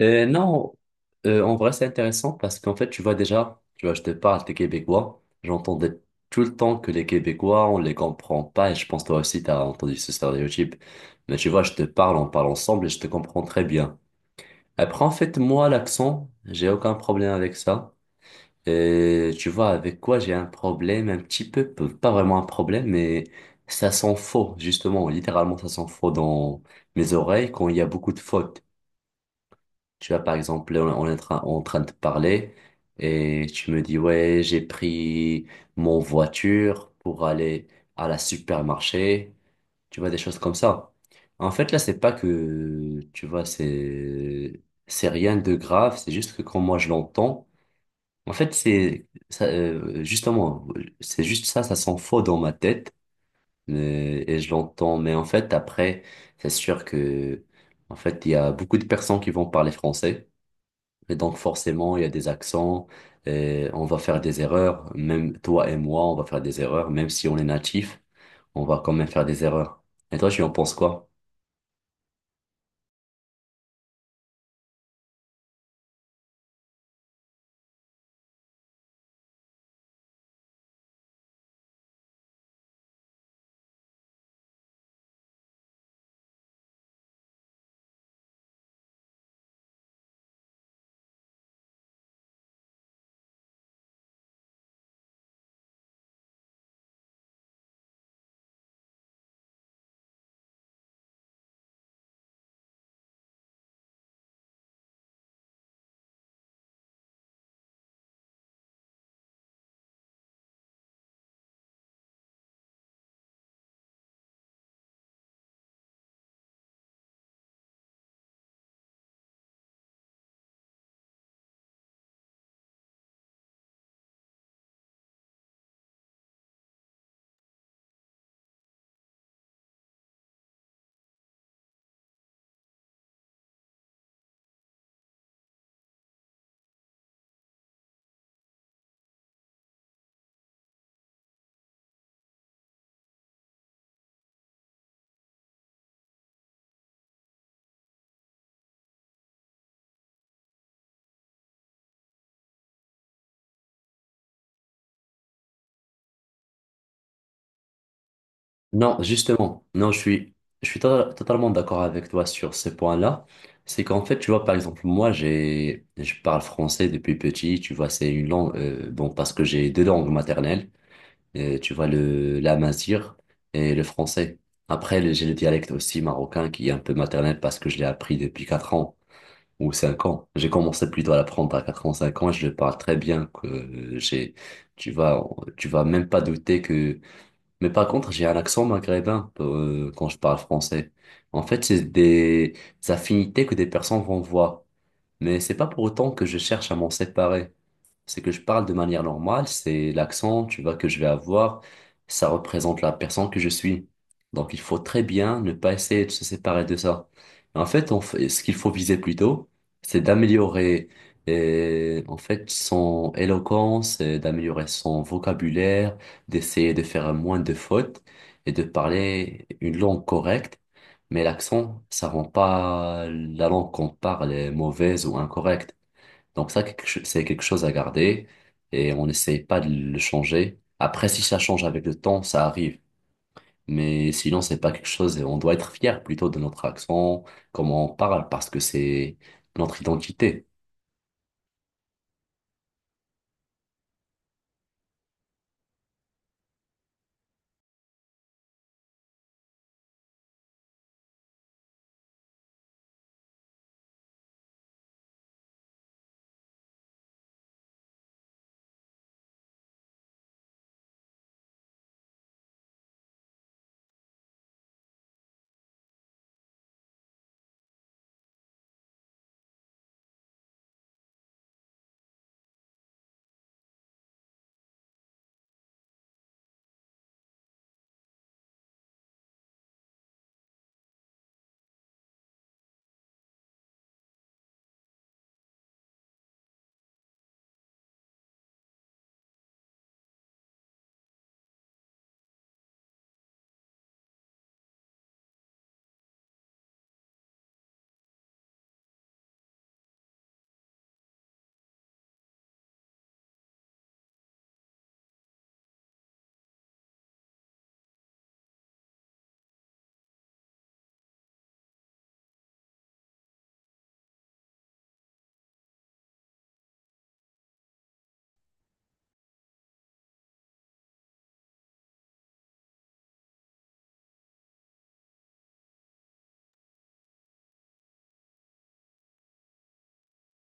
Non, en vrai, c'est intéressant parce qu'en fait, tu vois déjà, tu vois, je te parle des Québécois. J'entendais tout le temps que les Québécois, on les comprend pas et je pense toi aussi, tu as entendu ce stéréotype. Mais tu vois, je te parle, on parle ensemble et je te comprends très bien. Après, en fait, moi, l'accent, j'ai aucun problème avec ça. Et tu vois, avec quoi j'ai un problème, un petit peu, pas vraiment un problème, mais ça sent faux, justement, littéralement, ça sent faux dans mes oreilles quand il y a beaucoup de fautes. Tu vois, par exemple, là, on est en train de parler et tu me dis, ouais, j'ai pris mon voiture pour aller à la supermarché. Tu vois, des choses comme ça. En fait, là, c'est pas que, tu vois, c'est rien de grave. C'est juste que quand moi je l'entends, en fait, c'est, ça, justement, c'est juste ça, ça s'en faux dans ma tête. Et je l'entends. Mais en fait, après, c'est sûr que, en fait, il y a beaucoup de personnes qui vont parler français. Et donc forcément, il y a des accents, et on va faire des erreurs, même toi et moi, on va faire des erreurs, même si on est natif, on va quand même faire des erreurs. Et toi, tu en penses quoi? Non, justement, non, totalement d'accord avec toi sur ce point-là. C'est qu'en fait, tu vois, par exemple, moi, je parle français depuis petit, tu vois, c'est une langue, bon, parce que j'ai deux langues maternelles. Tu vois le l'amazigh et le français. Après, j'ai le dialecte aussi marocain qui est un peu maternel parce que je l'ai appris depuis 4 ans ou 5 ans. J'ai commencé plutôt à l'apprendre à 4 ans, 5 ans et je le parle très bien que j'ai tu vas tu vas même pas douter que mais par contre, j'ai un accent maghrébin quand je parle français. En fait, c'est des affinités que des personnes vont voir. Mais c'est pas pour autant que je cherche à m'en séparer. C'est que je parle de manière normale, c'est l'accent, tu vois, que je vais avoir, ça représente la personne que je suis. Donc il faut très bien ne pas essayer de se séparer de ça. En fait, ce qu'il faut viser plutôt, c'est d'améliorer en fait son éloquence, d'améliorer son vocabulaire, d'essayer de faire moins de fautes et de parler une langue correcte mais l'accent, ça rend pas la langue qu'on parle est mauvaise ou incorrecte. Donc ça, c'est quelque chose à garder et on n'essaye pas de le changer. Après, si ça change avec le temps, ça arrive. Mais sinon, c'est pas quelque chose et on doit être fier plutôt de notre accent, comment on parle, parce que c'est notre identité.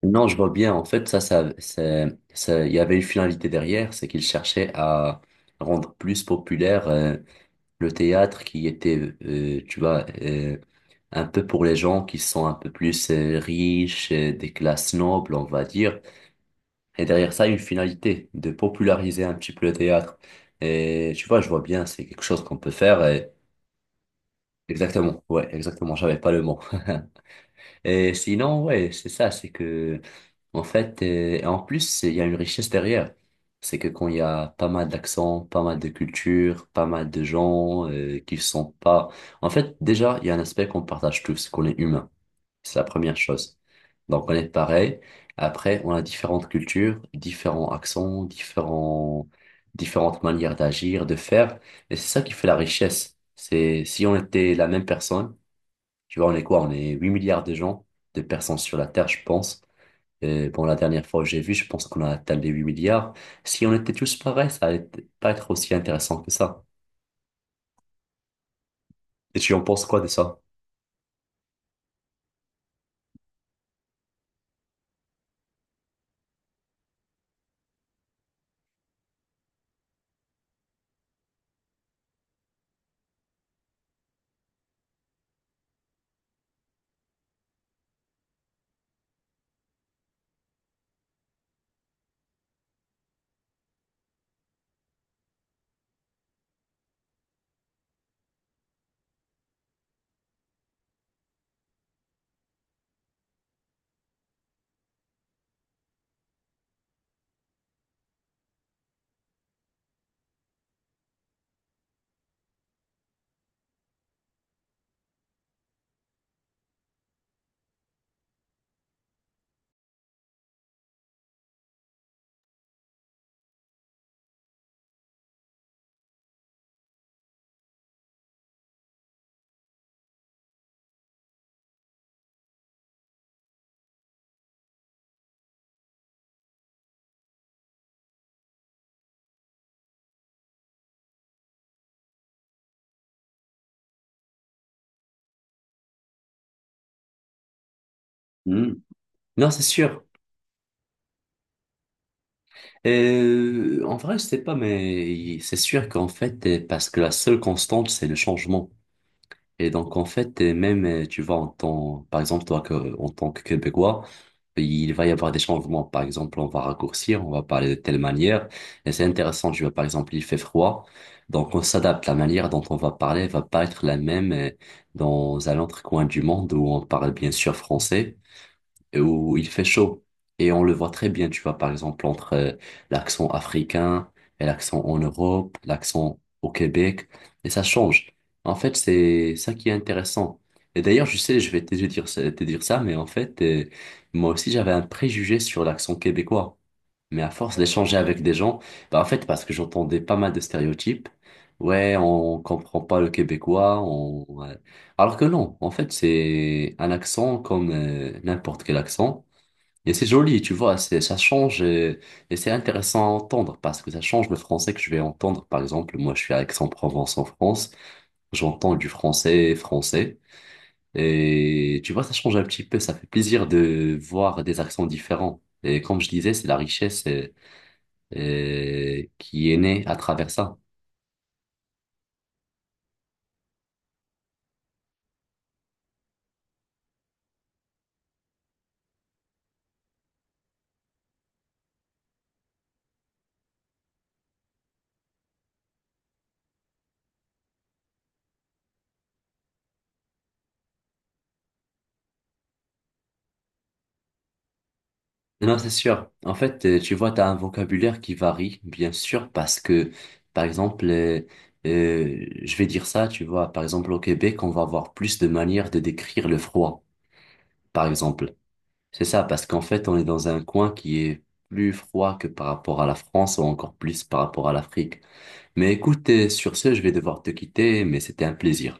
Non, je vois bien. En fait, ça, il y avait une finalité derrière, c'est qu'il cherchait à rendre plus populaire le théâtre qui était, euh, tu vois, euh, un peu pour les gens qui sont un peu plus riches, des classes nobles, on va dire. Et derrière ça, une finalité de populariser un petit peu le théâtre. Et tu vois, je vois bien, c'est quelque chose qu'on peut faire. Et- Exactement, ouais, exactement, j'avais pas le mot. Et sinon, ouais, c'est ça, c'est que en fait, et en plus, il y a une richesse derrière. C'est que quand il y a pas mal d'accents, pas mal de cultures, pas mal de gens qui sont pas... En fait, déjà, il y a un aspect qu'on partage tous, c'est qu'on est humain. C'est la première chose. Donc, on est pareil. Après, on a différentes cultures, différents accents, différents... différentes manières d'agir, de faire. Et c'est ça qui fait la richesse. C'est si on était la même personne, tu vois, on est quoi? On est 8 milliards de gens, de personnes sur la Terre, je pense. Bon, la dernière fois que j'ai vu, je pense qu'on a atteint les 8 milliards. Si on était tous pareils, ça allait pas être aussi intéressant que ça. Et tu en penses quoi de ça? Hmm. Non, c'est sûr. En vrai, je sais pas, mais c'est sûr qu'en fait, parce que la seule constante, c'est le changement. Et donc, en fait, et même, tu vois, en tant, par exemple, toi, que, en tant que Québécois, il va y avoir des changements. Par exemple, on va raccourcir, on va parler de telle manière. Et c'est intéressant, tu vois, par exemple, il fait froid. Donc, on s'adapte. La manière dont on va parler va pas être la même dans un autre coin du monde où on parle bien sûr français où il fait chaud. Et on le voit très bien, tu vois, par exemple, entre l'accent africain et l'accent en Europe, l'accent au Québec, et ça change. En fait, c'est ça qui est intéressant. Et d'ailleurs, je sais, je vais te te dire ça, mais en fait, moi aussi, j'avais un préjugé sur l'accent québécois. Mais à force d'échanger avec des gens, bah en fait, parce que j'entendais pas mal de stéréotypes, ouais, on comprend pas le québécois, on... ouais. Alors que non, en fait, c'est un accent comme n'importe quel accent. Et c'est joli, tu vois, c'est, ça change et, c'est intéressant à entendre parce que ça change le français que je vais entendre. Par exemple, moi, je suis à Aix-en-Provence en France, j'entends du français français et tu vois, ça change un petit peu, ça fait plaisir de voir des accents différents. Et comme je disais, c'est la richesse. Qui est né à travers ça. Non, c'est sûr. En fait, tu vois, tu as un vocabulaire qui varie, bien sûr, parce que, par exemple, je vais dire ça, tu vois, par exemple, au Québec, on va avoir plus de manières de décrire le froid, par exemple. C'est ça, parce qu'en fait, on est dans un coin qui est plus froid que par rapport à la France ou encore plus par rapport à l'Afrique. Mais écoute, sur ce, je vais devoir te quitter, mais c'était un plaisir.